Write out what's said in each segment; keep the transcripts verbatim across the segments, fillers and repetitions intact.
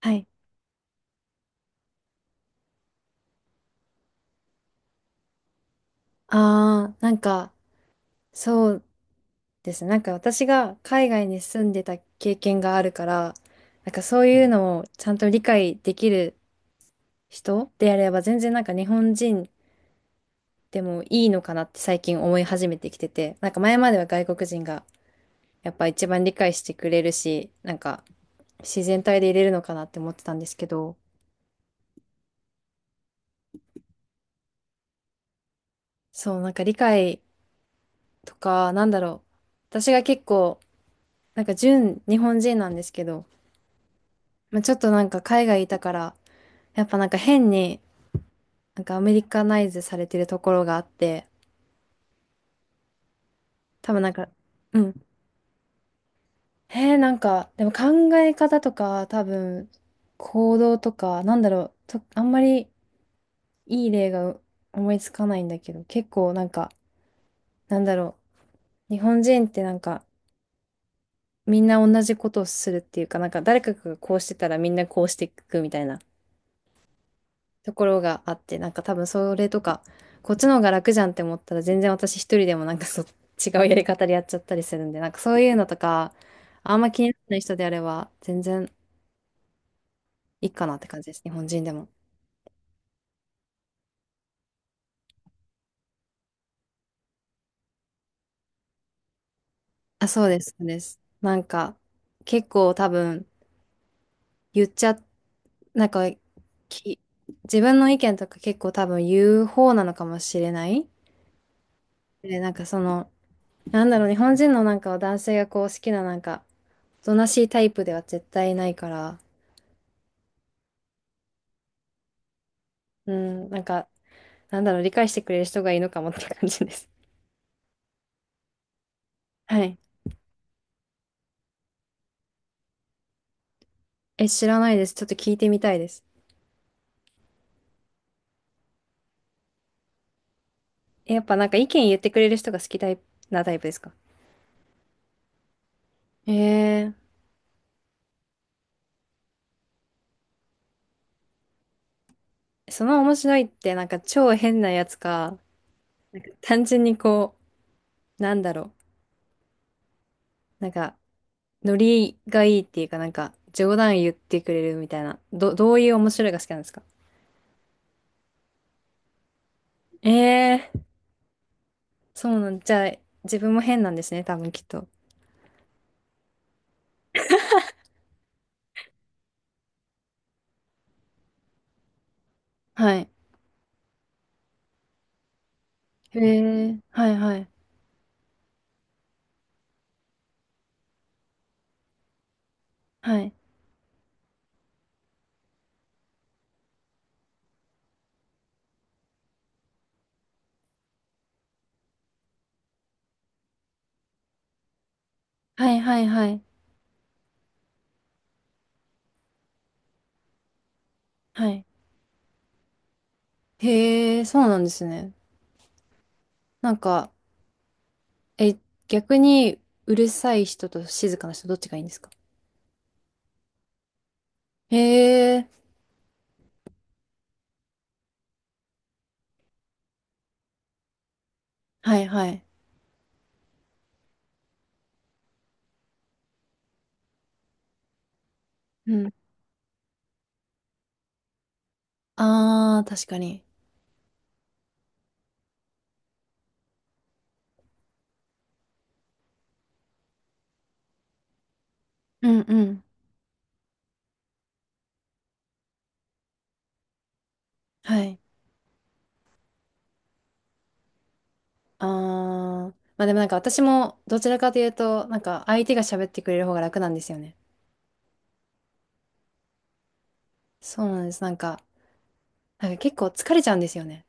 はい。ああ、なんか、そうですね。なんか私が海外に住んでた経験があるから、なんかそういうのをちゃんと理解できる人であれば、全然なんか日本人でもいいのかなって最近思い始めてきてて、なんか前までは外国人がやっぱ一番理解してくれるし、なんか自然体でいれるのかなって思ってたんですけど、そう、なんか理解とか、なんだろう。私が結構、なんか純日本人なんですけど、まあ、ちょっとなんか海外いたから、やっぱなんか変になんかアメリカナイズされてるところがあって、多分なんか、うん。えー、なんか、でも考え方とか多分行動とか、なんだろう、と、あんまりいい例が思いつかないんだけど、結構なんか、なんだろう、日本人ってなんかみんな同じことをするっていうか、なんか誰かがこうしてたらみんなこうしていくみたいな。ところがあって、なんか多分それとか、こっちの方が楽じゃんって思ったら全然私一人でもなんかそ違うやり方でやっちゃったりするんで、なんかそういうのとか、あんま気にならない人であれば全然いいかなって感じです、日本人でも。あ、そうです、そうです。なんか結構多分言っちゃ、なんかき、自分の意見とか結構多分言う方なのかもしれない。で、なんかその、なんだろう、日本人のなんか男性がこう好きななんか、おとなしいタイプでは絶対ないから、うん、なんか、なんだろう、理解してくれる人がいいのかもって感じです。はい。え、知らないです。ちょっと聞いてみたいです。え、やっぱなんか意見言ってくれる人が好きタイプなタイプですか？ええー、その面白いってなんか超変なやつか、単純にこう、なんだろう、なんか、ノリがいいっていうかなんか、冗談言ってくれるみたいな、ど、どういう面白いが好きなんですか？ええー、そうなん、じゃあ、自分も変なんですね、多分きっと。はい。ええー、はいはい。はい。はいはいはい。はい。へえ、そうなんですね。なんか、え、逆に、うるさい人と静かな人、どっちがいいんですか？へえ、はいはい。うん。ああ、確かに。うんうん。はい。ああ、まあでもなんか私も、どちらかというと、なんか相手が喋ってくれる方が楽なんですよね。そうなんです。なんか、なんか結構疲れちゃうんですよね。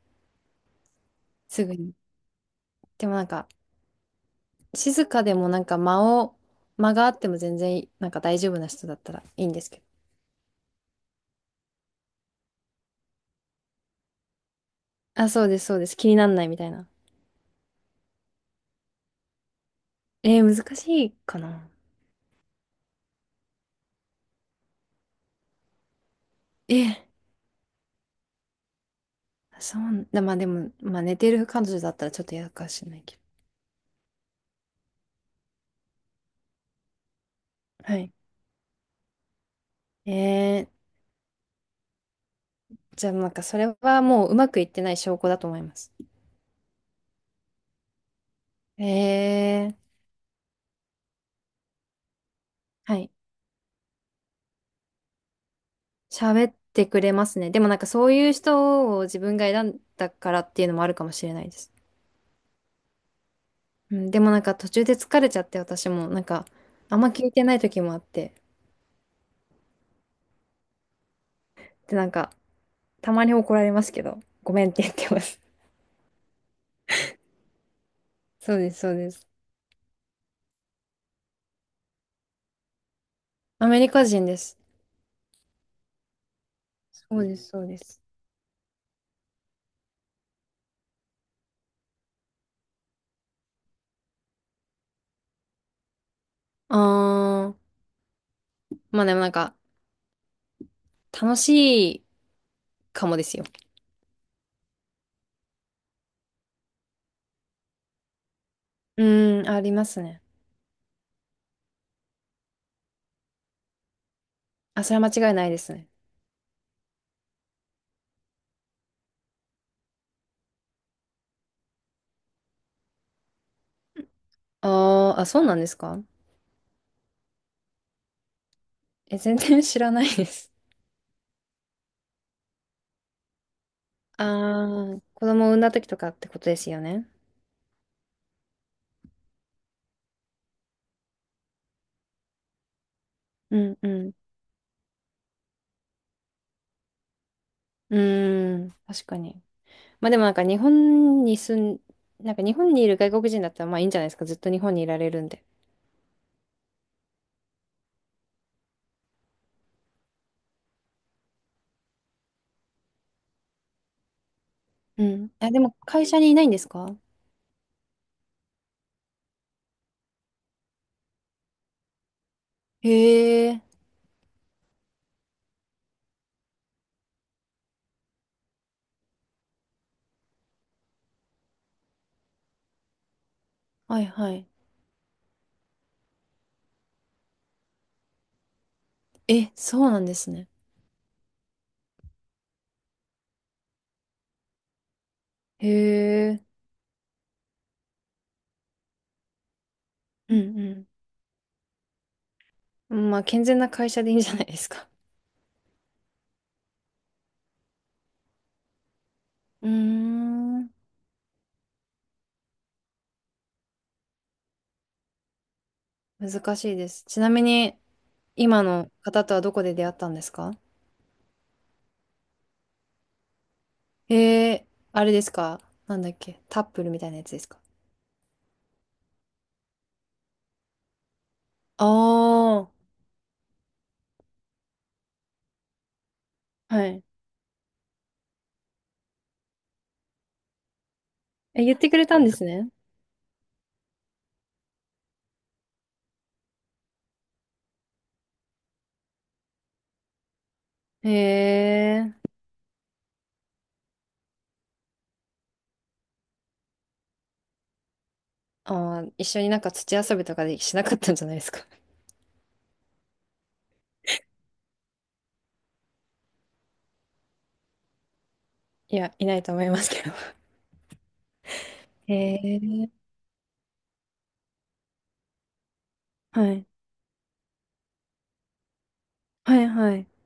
すぐに。でもなんか、静かでもなんか間を、間があっても全然、なんか大丈夫な人だったらいいんですけど。あ、そうです、そうです。気になんないみたいな。えー、難しいかな。えーそう、だまあでも、まあ寝てる彼女だったらちょっと嫌かもしれないけど。はい。えー、じゃあなんかそれはもううまくいってない証拠だと思います。えー、はい。喋ってくれますね。でもなんかそういう人を自分が選んだからっていうのもあるかもしれないです。うん、でもなんか途中で疲れちゃって私もなんかあんま聞いてない時もあって。でなんかたまに怒られますけど、ごめんって言ってます。そうです、そうです。アメリカ人です。そうです、そうです。あー、まあでもなんか、楽しいかもですよ。うーん、ありますね。あ、それは間違いないですね。あー、あ、そうなんですか？え、全然 知らないです。あー、子供を産んだ時とかってことですよね。うんうん。うーん、確かに。まあでもなんか日本に住ん、なんか日本にいる外国人だったらまあいいんじゃないですか。ずっと日本にいられるんで。うん。あ、でも会社にいないんですか？へえ、はいはい。え、そうなんですね。へえ。うんうん。まあ、健全な会社でいいんじゃないですか。うーん。難しいです。ちなみに、今の方とはどこで出会ったんですか？えー、あれですか？なんだっけタップルみたいなやつですか？ああー、はい。え、言ってくれたんですね。へえ。ああ、一緒になんか土遊びとかでしなかったんじゃないですか。いや、いないと思いますけど。へえ。はいはいはい。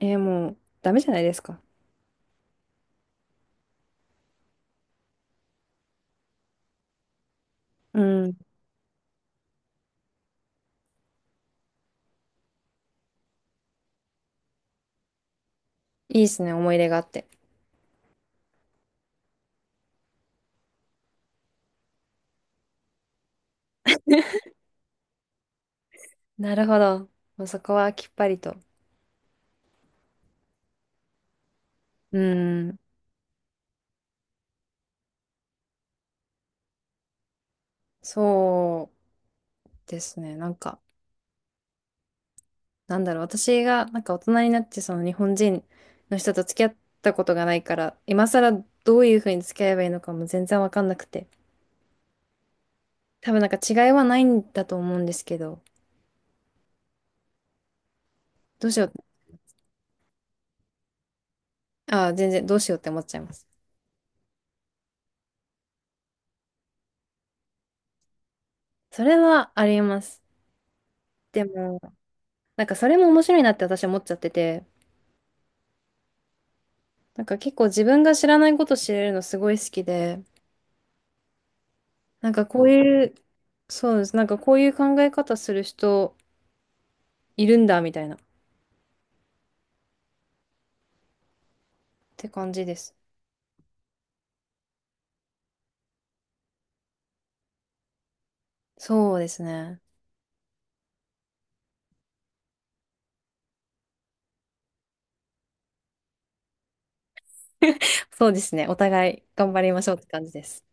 えー、もう、ダメじゃないですか。うん。いいですね、思い出があって。なるほど。もうそこはきっぱりと。うん、そうですね。なんか、なんだろう、私がなんか大人になってその日本人の人と付き合ったことがないから、今更どういうふうに付き合えばいいのかも全然わかんなくて。多分なんか違いはないんだと思うんですけど、どうしよう、ああ、全然どうしようって思っちゃいます。それはあります。でも、なんかそれも面白いなって私は思っちゃってて、なんか結構自分が知らないこと知れるのすごい好きで、なんかこういう、そうです。なんかこういう考え方する人いるんだ、みたいな。って感じです。そうですね。そうですね。お互い頑張りましょうって感じです。